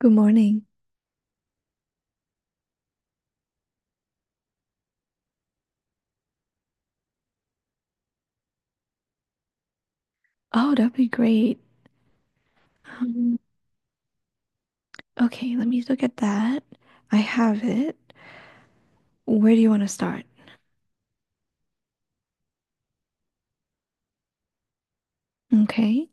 Good morning. Oh, that'd be great. Um, okay, let me look at that. I have it. Where do you want to start? Okay.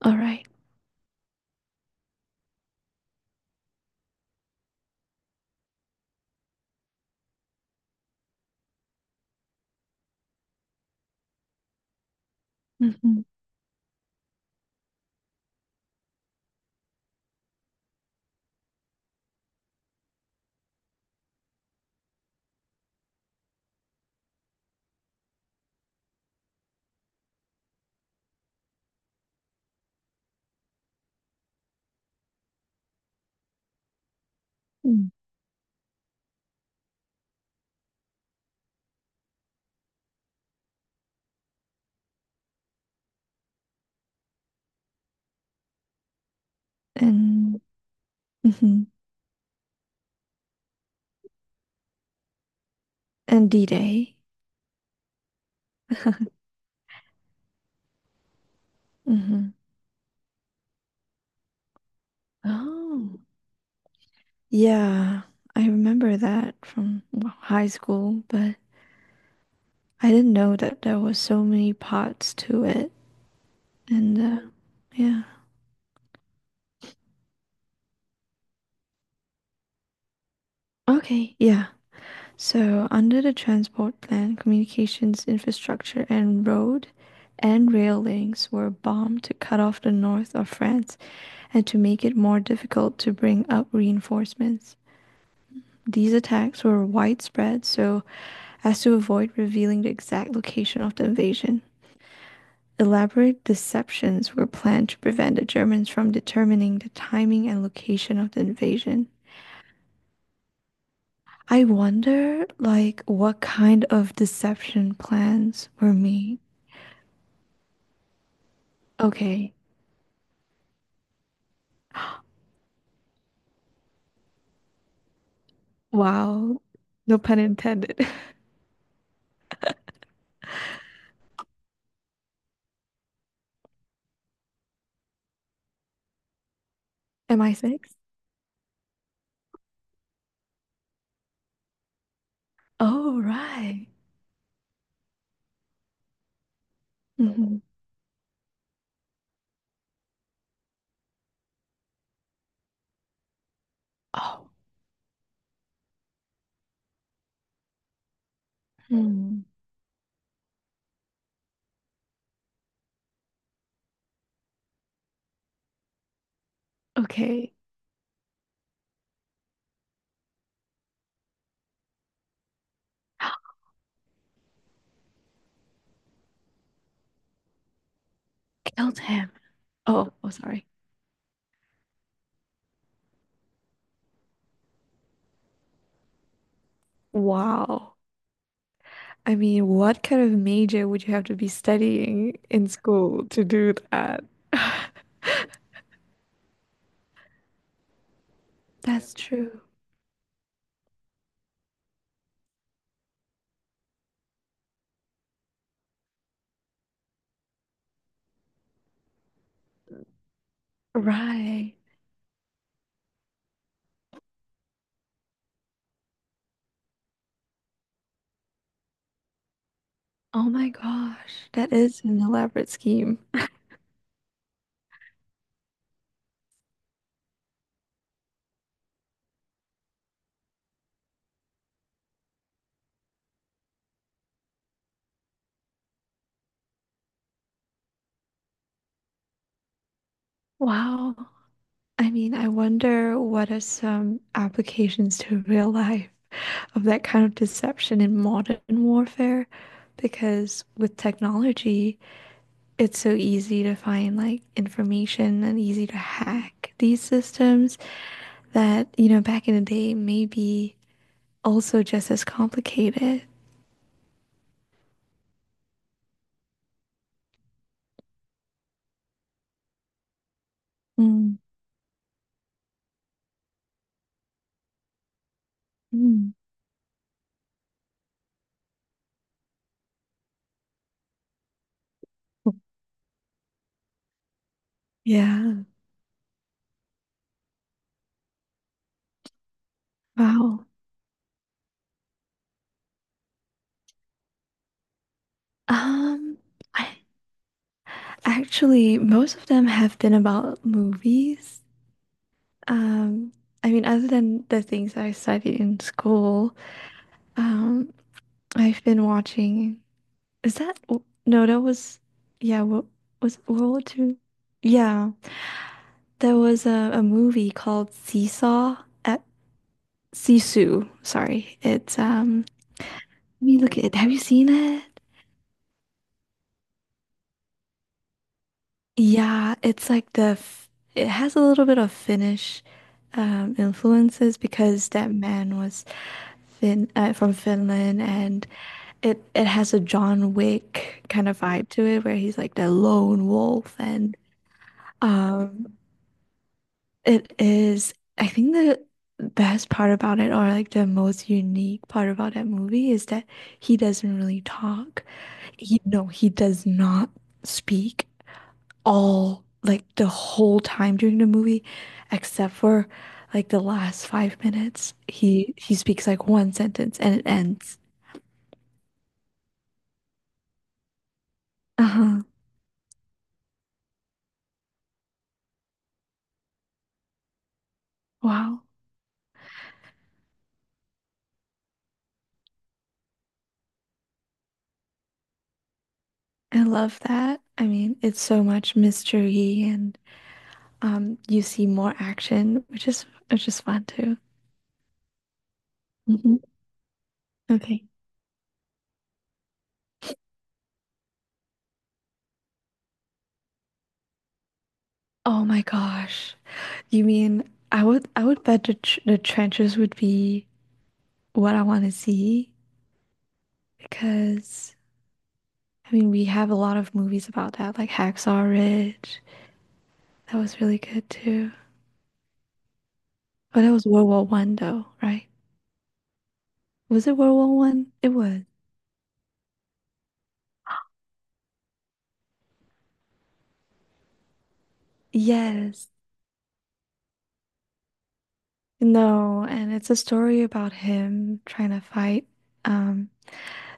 All right. Mm-hmm. And mhm. And D-Day. hmm Oh, yeah. I remember that from well, high school, but I didn't know that there was so many parts to it. And yeah. Okay. Yeah. So, under the transport plan, communications infrastructure and road and rail links were bombed to cut off the north of France and to make it more difficult to bring up reinforcements. These attacks were widespread so as to avoid revealing the exact location of the invasion. Elaborate deceptions were planned to prevent the Germans from determining the timing and location of the invasion. I wonder, like, what kind of deception plans were made. Okay. Wow. No pun intended. Am I six? Oh, right. hmm Oh. Hmm. Okay. Killed him? Oh, oh, sorry. Wow. I mean, what kind of major would you have to be studying in school to do that? That's true. Right. Oh my gosh. That is an elaborate scheme. Wow. I mean, I wonder what are some applications to real life of that kind of deception in modern warfare? Because with technology, it's so easy to find like information and easy to hack these systems that, you know, back in the day may be also just as complicated. Mm, mm. Yeah. Wow. Um, I actually most of them have been about movies. Um, I mean, other than the things I studied in school, um, I've been watching. Is that no? That was yeah. What was it, World War Two? Yeah, there was a movie called Seesaw at Sisu. Sorry, it's. Let me look at it. Have you seen it? Yeah, it's like the f it has a little bit of Finnish influences because that man was Fin from Finland. And It has a John Wick kind of vibe to it where he's like the lone wolf. And um it is, I think, the best part about it, or like the most unique part about that movie is that he doesn't really talk. He, no, he does not speak all like the whole time during the movie except for like the last 5 minutes. He speaks like one sentence and it ends. Uh-huh. Wow. I love that. I mean, it's so much mystery, and you see more action, which is fun too. Hmm Okay. Oh my gosh. You mean I would bet the trenches would be what I want to see, because I mean we have a lot of movies about that, like Hacksaw Ridge. That was really good too. But that was World War One, though, right? Was it World War One? It was. Yes. No, and it's a story about him trying to fight um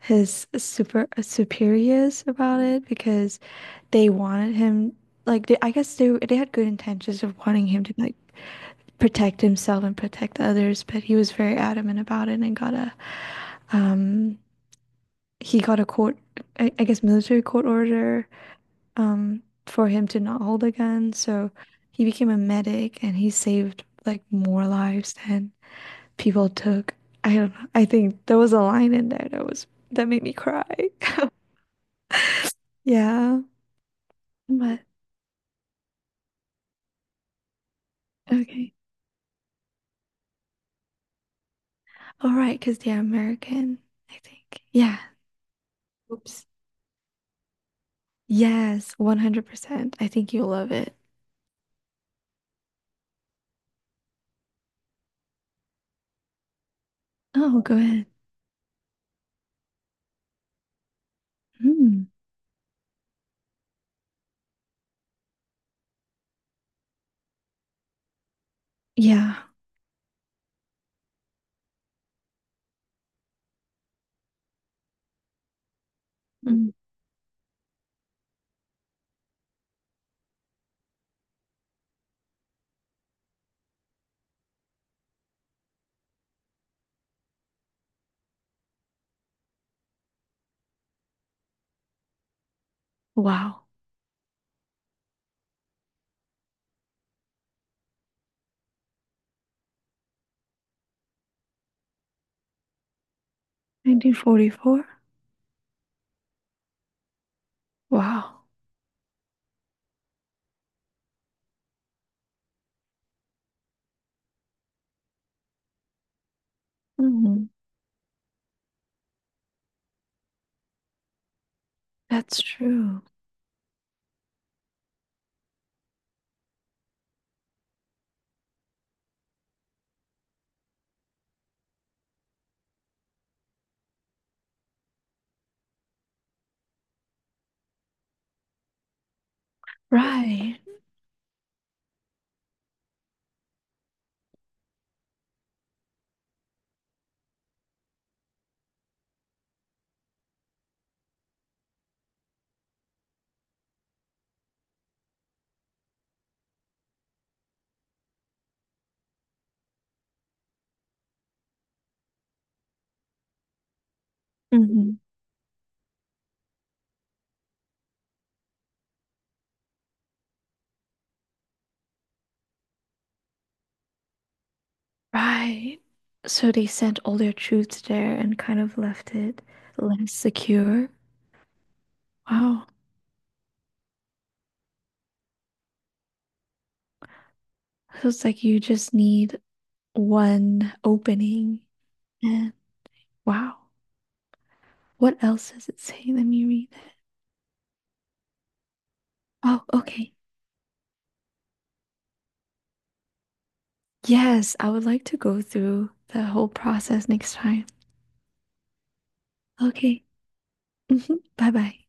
his superiors about it, because they wanted him like I guess they had good intentions of wanting him to like protect himself and protect others, but he was very adamant about it and got a um he got a court, I guess, military court order for him to not hold a gun, so he became a medic and he saved like more lives than people took. I don't know. I think there was a line in there that was that made me cry. Yeah, but okay. All right, because they're American, I think. Yeah. Oops. Yes, 100%. I think you'll love it. Oh, go ahead. Mm. Yeah. Mm. Wow. 1944? Wow. Mm. That's true. Right. hmm Right. So they sent all their troops there and kind of left it less secure. Wow. So it's like you just need one opening. And wow. What else does it say? Let me read it. Oh, okay. Yes, I would like to go through the whole process next time. Okay. hmm Bye bye.